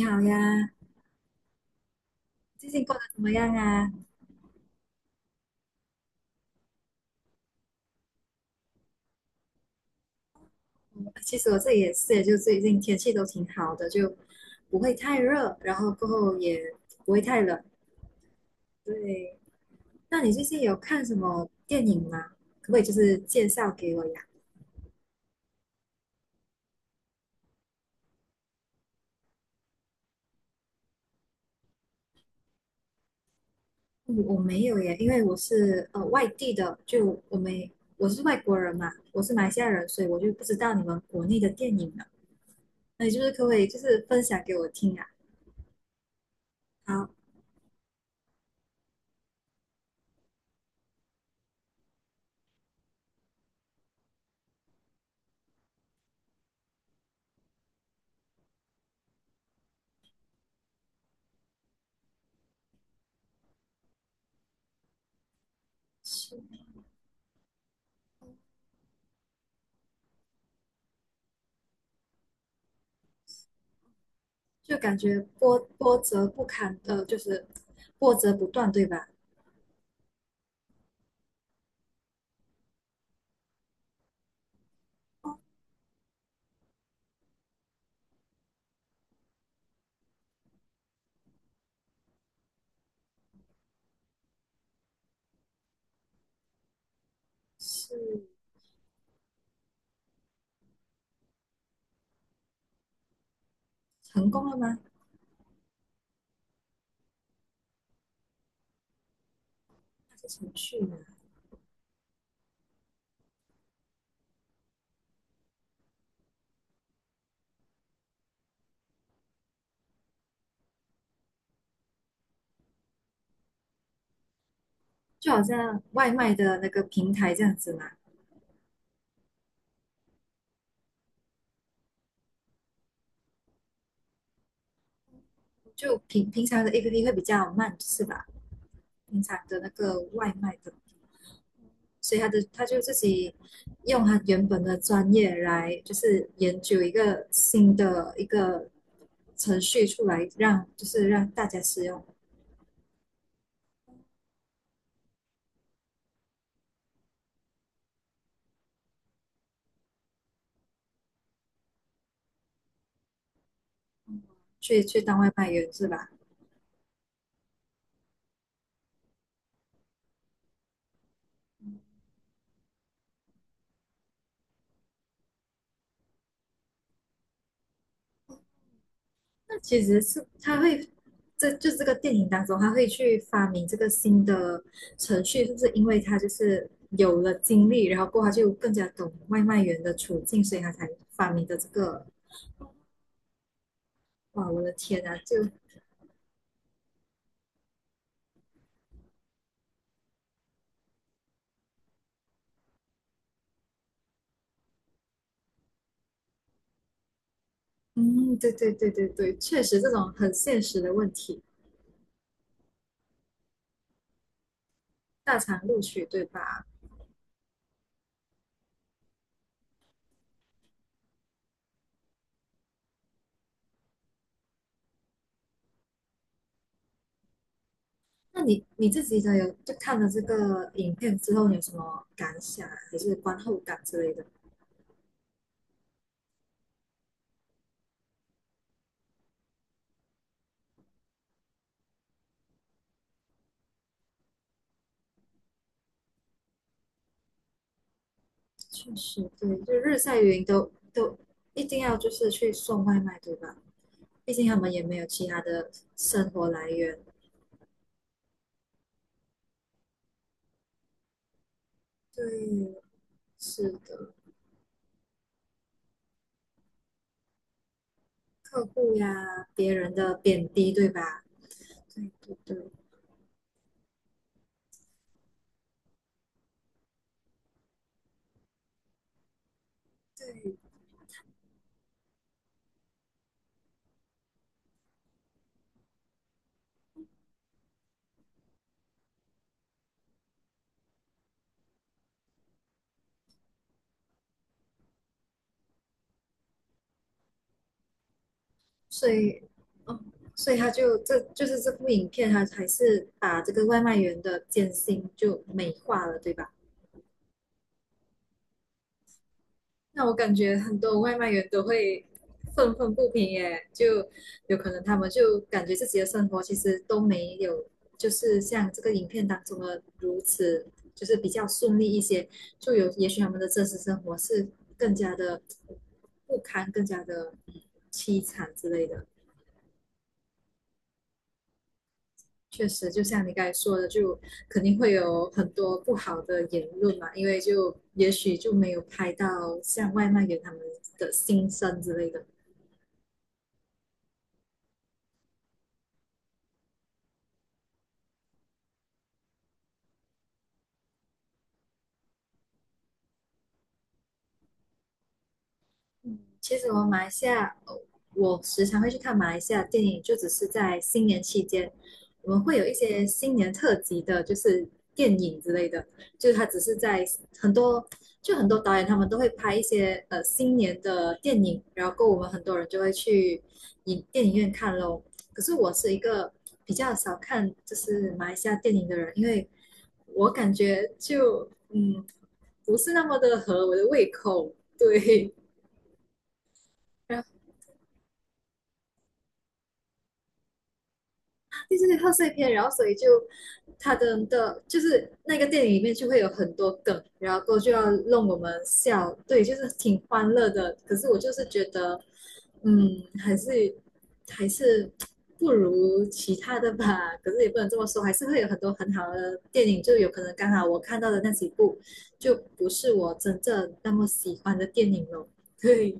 你好呀，最近过得怎么样啊？嗯其实我这里也是，就最近天气都挺好的，就不会太热，然后过后也不会太冷。对。那你最近有看什么电影吗？可不可以就是介绍给我呀？嗯我没有耶，因为我是外地的，就我没我是外国人嘛，我是马来西亚人，所以我就不知道你们国内的电影了。那你就是可不可以就是分享给我听啊？好。就感觉波折不堪，就是波折不断，对吧？哦，是成功了吗？还是程序呢？就好像外卖的那个平台这样子嘛，就平常的 APP 会比较慢，是吧？平常的那个外卖的，所以他就自己用他原本的专业来，就是研究一个新的一个程序出来，就是让大家使用，去当外卖员，是吧？那其实是他会，这个电影当中，他会去发明这个新的程序，是不是因为他就是有了经历，然后过后他就更加懂外卖员的处境，所以他才发明的这个。哇，我的天啊，对对对对对，确实这种很现实的问题。大厂录取对吧？那你你自己的有就看了这个影片之后，你有什么感想啊还是观后感之类的？确实对，就日晒雨淋都一定要就是去送外卖，对吧？毕竟他们也没有其他的生活来源。对，是的。客户呀，别人的贬低，对吧？对对对对。所以，嗯，所以他就这就是这部影片，他还是把这个外卖员的艰辛就美化了，对吧？那我感觉很多外卖员都会愤愤不平耶，就有可能他们就感觉自己的生活其实都没有，就是像这个影片当中的如此，就是比较顺利一些，就有也许他们的真实生活是更加的不堪，更加的凄惨之类的。确实，就像你刚才说的，就肯定会有很多不好的言论嘛，因为就也许就没有拍到像外卖员他们的心声之类的。嗯，其实我马来西亚，我时常会去看马来西亚电影，就只是在新年期间，我们会有一些新年特辑的，就是电影之类的，就是它只是在很多，就很多导演他们都会拍一些新年的电影，然后我们很多人就会去电影院看咯。可是我是一个比较少看就是马来西亚电影的人，因为我感觉不是那么的合我的胃口。对。然第四个贺岁片，然后所以就他的的，就是那个电影里面就会有很多梗，然后就要弄我们笑，对，就是挺欢乐的。可是我就是觉得，嗯，还是不如其他的吧。可是也不能这么说，还是会有很多很好的电影，就有可能刚好我看到的那几部就不是我真正那么喜欢的电影咯。对。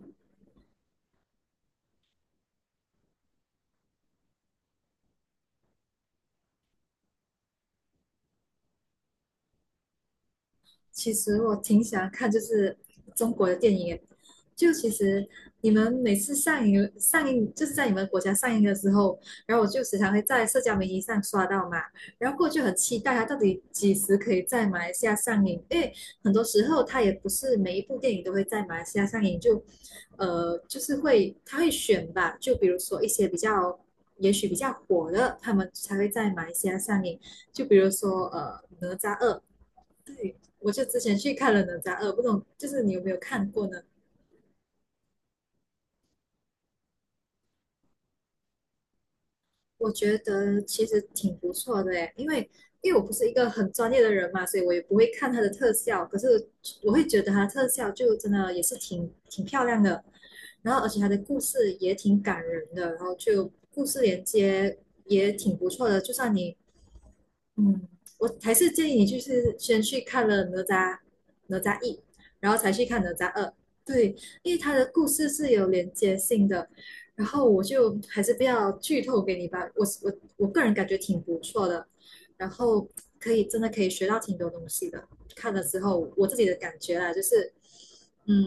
其实我挺喜欢看，就是中国的电影耶，就其实你们每次上映，就是在你们国家上映的时候，然后我就时常会在社交媒体上刷到嘛，然后过去很期待它到底几时可以在马来西亚上映，因为很多时候它也不是每一部电影都会在马来西亚上映，就就是会它会选吧，就比如说一些比较。也许比较火的，他们才会在马来西亚上映。就比如说，《哪吒二》，我就之前去看了《哪吒二》，不懂就是你有没有看过呢？我觉得其实挺不错的诶，因为我不是一个很专业的人嘛，所以我也不会看它的特效，可是我会觉得它的特效就真的也是挺漂亮的，然后而且它的故事也挺感人的，然后就故事连接也挺不错的，就算你嗯，我还是建议你就是先去看了哪吒一，然后才去看哪吒二。对，因为它的故事是有连接性的。然后我就还是不要剧透给你吧，我个人感觉挺不错的，然后可以真的可以学到挺多东西的。看了之后，我自己的感觉啦，嗯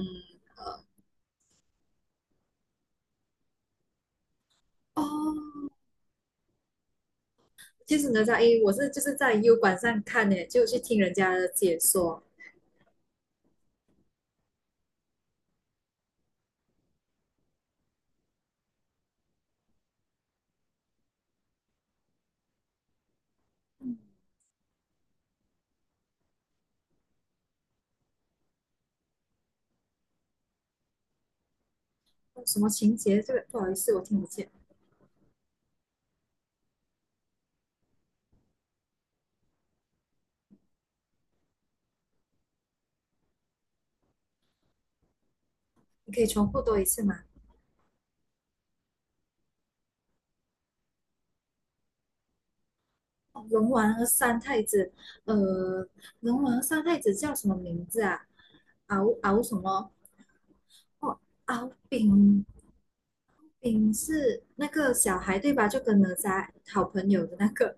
哦，其实哪吒一我是就是在 U 管上看的，就去听人家的解说。哦什么情节这个不好意思我听不见。你可以重复多一次吗？哦龙王和三太子，呃，龙王和三太子叫什么名字啊？敖什么？哦，敖丙，丙是那个小孩对吧？就跟哪吒好朋友的那个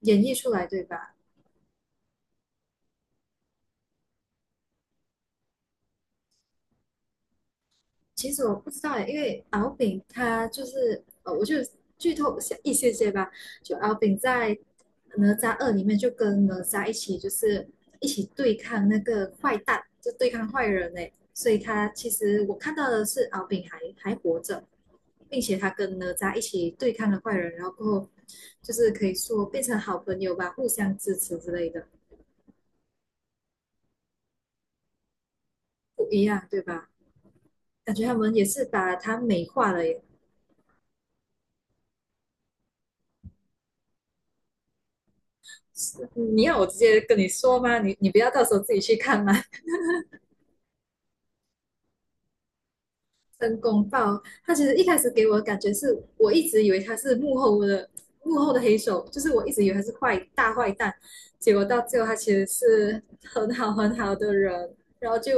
演绎出来对吧？其实我不知道诶，因为敖丙他就是，我就剧透一些一些些吧。就敖丙在哪吒二里面就跟哪吒一起，就是一起对抗那个坏蛋，就对抗坏人诶。所以他其实我看到的是敖丙还活着，并且他跟哪吒一起对抗了坏人，然后过后就是可以说变成好朋友吧，互相支持之类的。不一样对吧？感觉他们也是把它美化了耶。嗯你要我直接跟你说吗？你你不要到时候自己去看吗？申公豹，他其实一开始给我的感觉是我一直以为他是幕后的黑手，就是我一直以为他是坏大坏蛋，结果到最后他其实是很好很好的人，然后就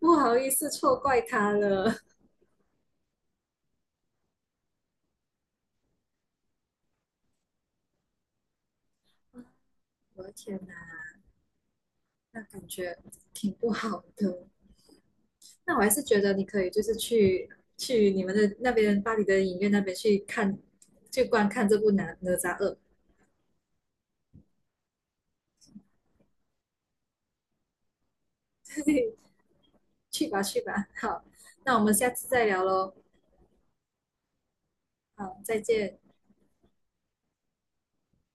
不好意思错怪他了。我的天哪，那感觉挺不好的。那我还是觉得你可以就是去你们的那边巴黎的影院那边去看，去观看这部哪吒二》去吧去吧，好，那我们下次再聊喽，好，再见。